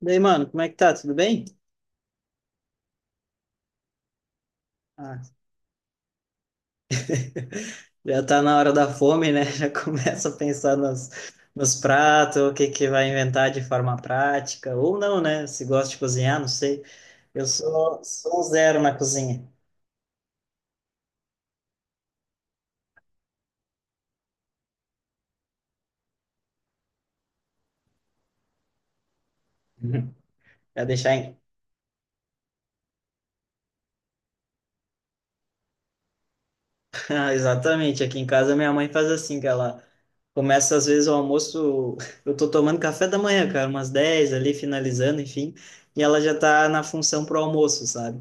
E aí, mano, como é que tá? Tudo bem? Ah, já tá na hora da fome, né? Já começa a pensar nos pratos, o que que vai inventar de forma prática, ou não, né? Se gosta de cozinhar, não sei. Eu sou um zero na cozinha. Pra deixar em... Ah, exatamente, aqui em casa minha mãe faz assim, que ela começa às vezes o almoço, eu tô tomando café da manhã, cara, umas 10 ali, finalizando, enfim, e ela já tá na função pro almoço, sabe?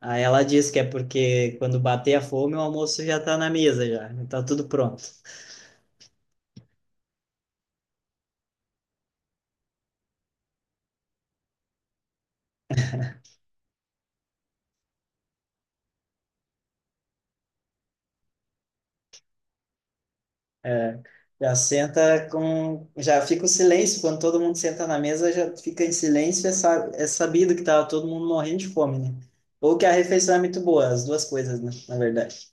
Aí ela disse que é porque quando bater a fome, o almoço já está na mesa já, está tudo pronto. É, já senta com, já fica o silêncio quando todo mundo senta na mesa, já fica em silêncio, é, é sabido que tá todo mundo morrendo de fome, né? Ou que a refeição é muito boa, as duas coisas, né, na verdade.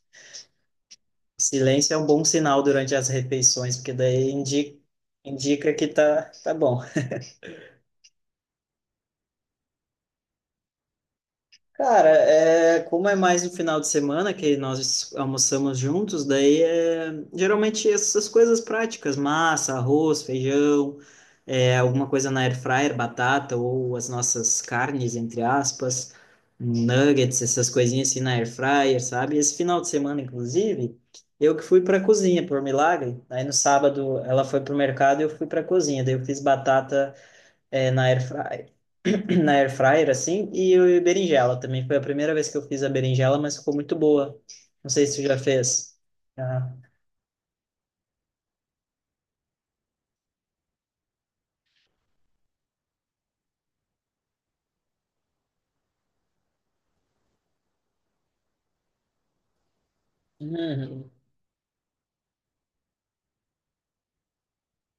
Silêncio é um bom sinal durante as refeições, porque daí indica que tá, tá bom. Cara, é, como é mais no final de semana que nós almoçamos juntos, daí é, geralmente essas coisas práticas, massa, arroz, feijão, é, alguma coisa na air fryer, batata ou as nossas carnes, entre aspas, nuggets, essas coisinhas assim na air fryer, sabe? Esse final de semana, inclusive, eu que fui para cozinha, por milagre. Aí no sábado ela foi pro mercado e eu fui para cozinha, daí eu fiz batata é, na air fryer, na air fryer assim, e berinjela também. Foi a primeira vez que eu fiz a berinjela, mas ficou muito boa. Não sei se tu já fez. Ah. Uhum.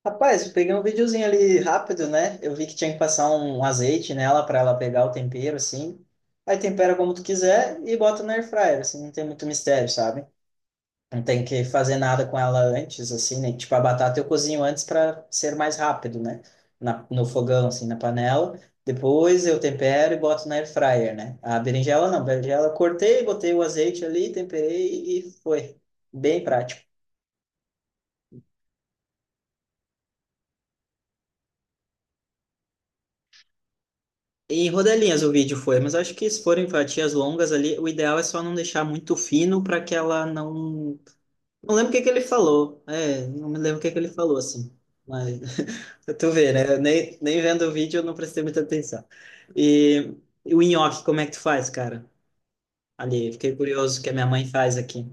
Rapaz, eu peguei um videozinho ali rápido, né? Eu vi que tinha que passar um azeite nela para ela pegar o tempero, assim. Aí tempera como tu quiser e bota na air fryer, assim, não tem muito mistério, sabe? Não tem que fazer nada com ela antes, assim, né? Tipo, a batata eu cozinho antes para ser mais rápido, né? Na, no fogão, assim, na panela. Depois eu tempero e boto na air fryer, né? A berinjela não, a berinjela eu cortei, botei o azeite ali, temperei e foi. Bem prático. Em rodelinhas o vídeo foi, mas acho que se forem fatias longas ali, o ideal é só não deixar muito fino para que ela não. Não lembro o que que ele falou. É, não me lembro o que que ele falou, assim. Mas. Tu vê, né? Eu nem vendo o vídeo eu não prestei muita atenção. E, e o nhoque, como é que tu faz, cara? Ali, fiquei curioso o que a minha mãe faz aqui.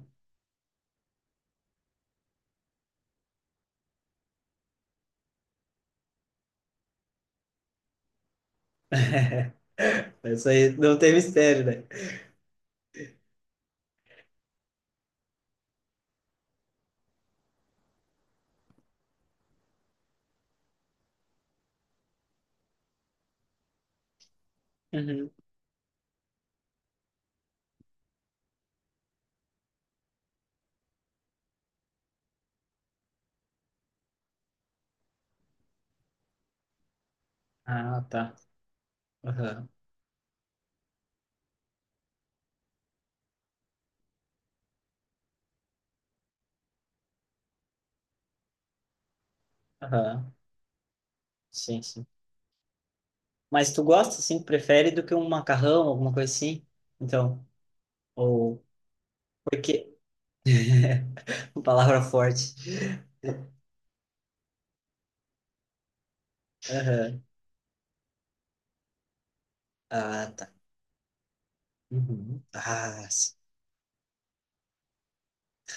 Isso aí não tem mistério, né? Uhum. Ah, tá. Aham, aham. Sim, sim. Mas tu gosta, assim, prefere do que um macarrão, alguma coisa assim? Então, ou... Porque... Palavra forte. Aham. Ah, tá. Uhum. Ah, sim.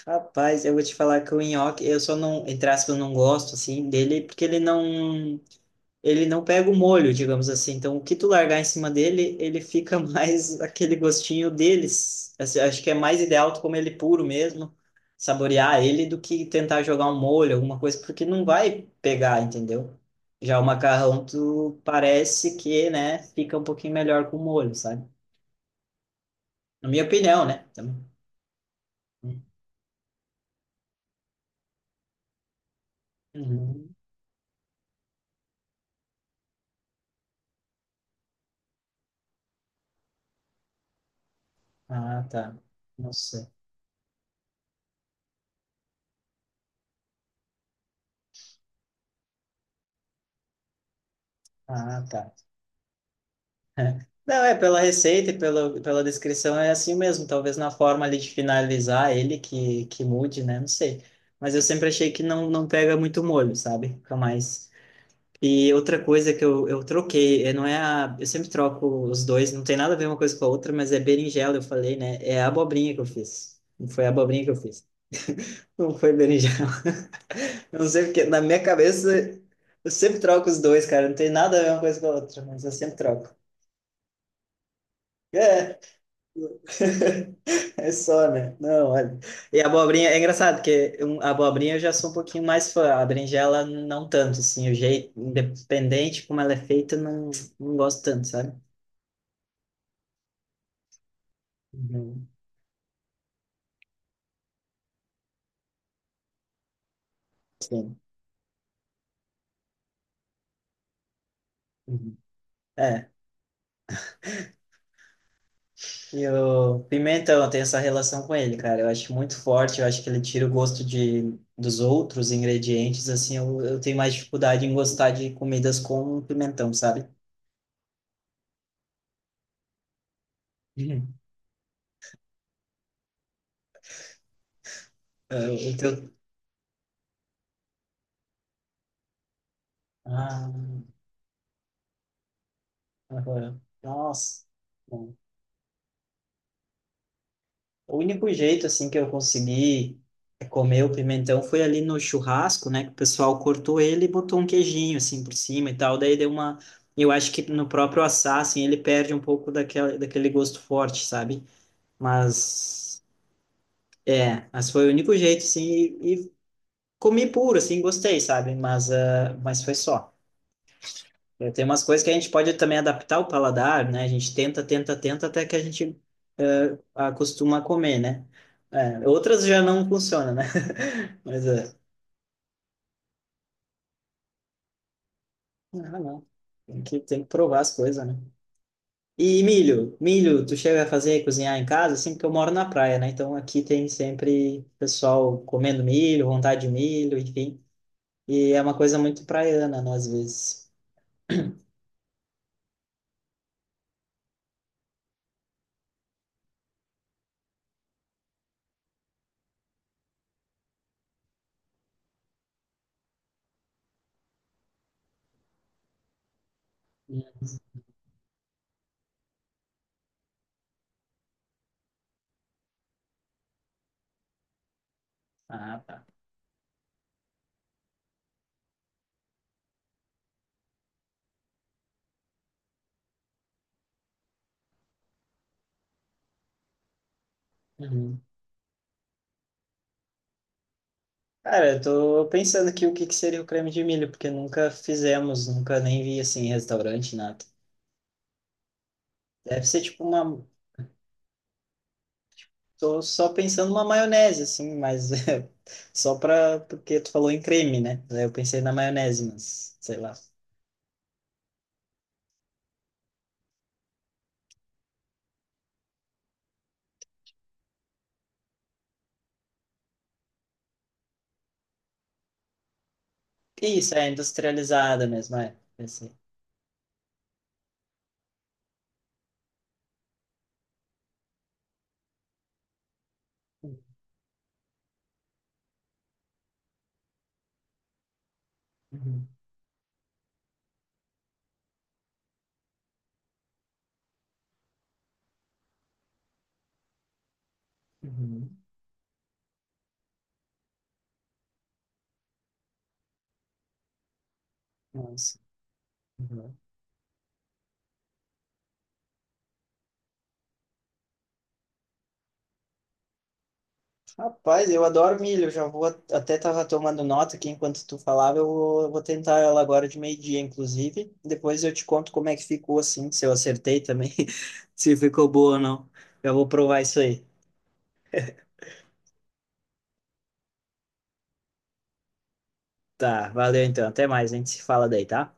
Rapaz, eu vou te falar que o nhoque, eu só não, entre aspas, não gosto, assim, dele, porque ele não pega o molho, digamos assim. Então, o que tu largar em cima dele, ele fica mais aquele gostinho deles. Assim, acho que é mais ideal tu comer ele puro mesmo, saborear ele, do que tentar jogar um molho, alguma coisa, porque não vai pegar, entendeu? Já o macarrão, tu parece que, né, fica um pouquinho melhor com molho, sabe? Na minha opinião, né? Então, uhum. Ah, tá. Não sei. Ah, tá. É. Não, é pela receita pela descrição é assim mesmo. Talvez na forma ali de finalizar ele que mude, né? Não sei. Mas eu sempre achei que não pega muito molho, sabe? Fica mais. E outra coisa que eu troquei, é, não é a. Eu sempre troco os dois, não tem nada a ver uma coisa com a outra, mas é berinjela, eu falei, né? É a abobrinha que eu fiz. Foi a abobrinha que eu fiz. Não foi berinjela. Eu não sei porque, na minha cabeça, eu sempre troco os dois, cara. Não tem nada a ver uma coisa com a outra, mas eu sempre troco. É. É só, né? Não, olha. E a abobrinha, é engraçado, porque a abobrinha eu já sou um pouquinho mais fã, a berinjela não tanto, assim, o jeito, independente como ela é feita, não, não gosto tanto, sabe? Uhum. Sim. Uhum. É, e o pimentão, eu tenho essa relação com ele, cara, eu acho muito forte, eu acho que ele tira o gosto de, dos outros ingredientes, assim, eu tenho mais dificuldade em gostar de comidas com pimentão, sabe? Uhum. É, eu tenho... Ah, agora, nossa... O único jeito, assim, que eu consegui é, comer o pimentão foi ali no churrasco, né? Que o pessoal cortou ele e botou um queijinho, assim, por cima e tal. Daí deu uma... Eu acho que no próprio assar, assim, ele perde um pouco daquele gosto forte, sabe? Mas... É, mas foi o único jeito, assim, e comi puro, assim, gostei, sabe? Mas, ah, mas foi só. É, tem umas coisas que a gente pode também adaptar o paladar, né? A gente tenta até que a gente é, acostuma a comer, né? É, outras já não funcionam, né? Mas é, ah, não. Tem que provar as coisas, né? E milho, tu chega a fazer cozinhar em casa, assim, porque eu moro na praia, né? Então aqui tem sempre pessoal comendo milho, vontade de milho, enfim. E é uma coisa muito praiana, né, às vezes. Hum. Ah, tá. Uhum. Cara, eu tô pensando aqui o que que seria o creme de milho, porque nunca fizemos, nunca nem vi assim em restaurante, nada. Deve ser tipo uma. Tô só pensando uma maionese, assim, mas é, só pra. Porque tu falou em creme, né? Daí eu pensei na maionese, mas sei lá. Isso, é industrializada mesmo, é. Pensei. Uhum, uhum. Nossa. Rapaz, eu adoro milho. Já vou até tava tomando nota aqui enquanto tu falava. Vou tentar ela agora de meio-dia, inclusive. Depois eu te conto como é que ficou assim, se eu acertei também, se ficou boa ou não. Eu vou provar isso aí. Tá, valeu então. Até mais, a gente se fala daí, tá?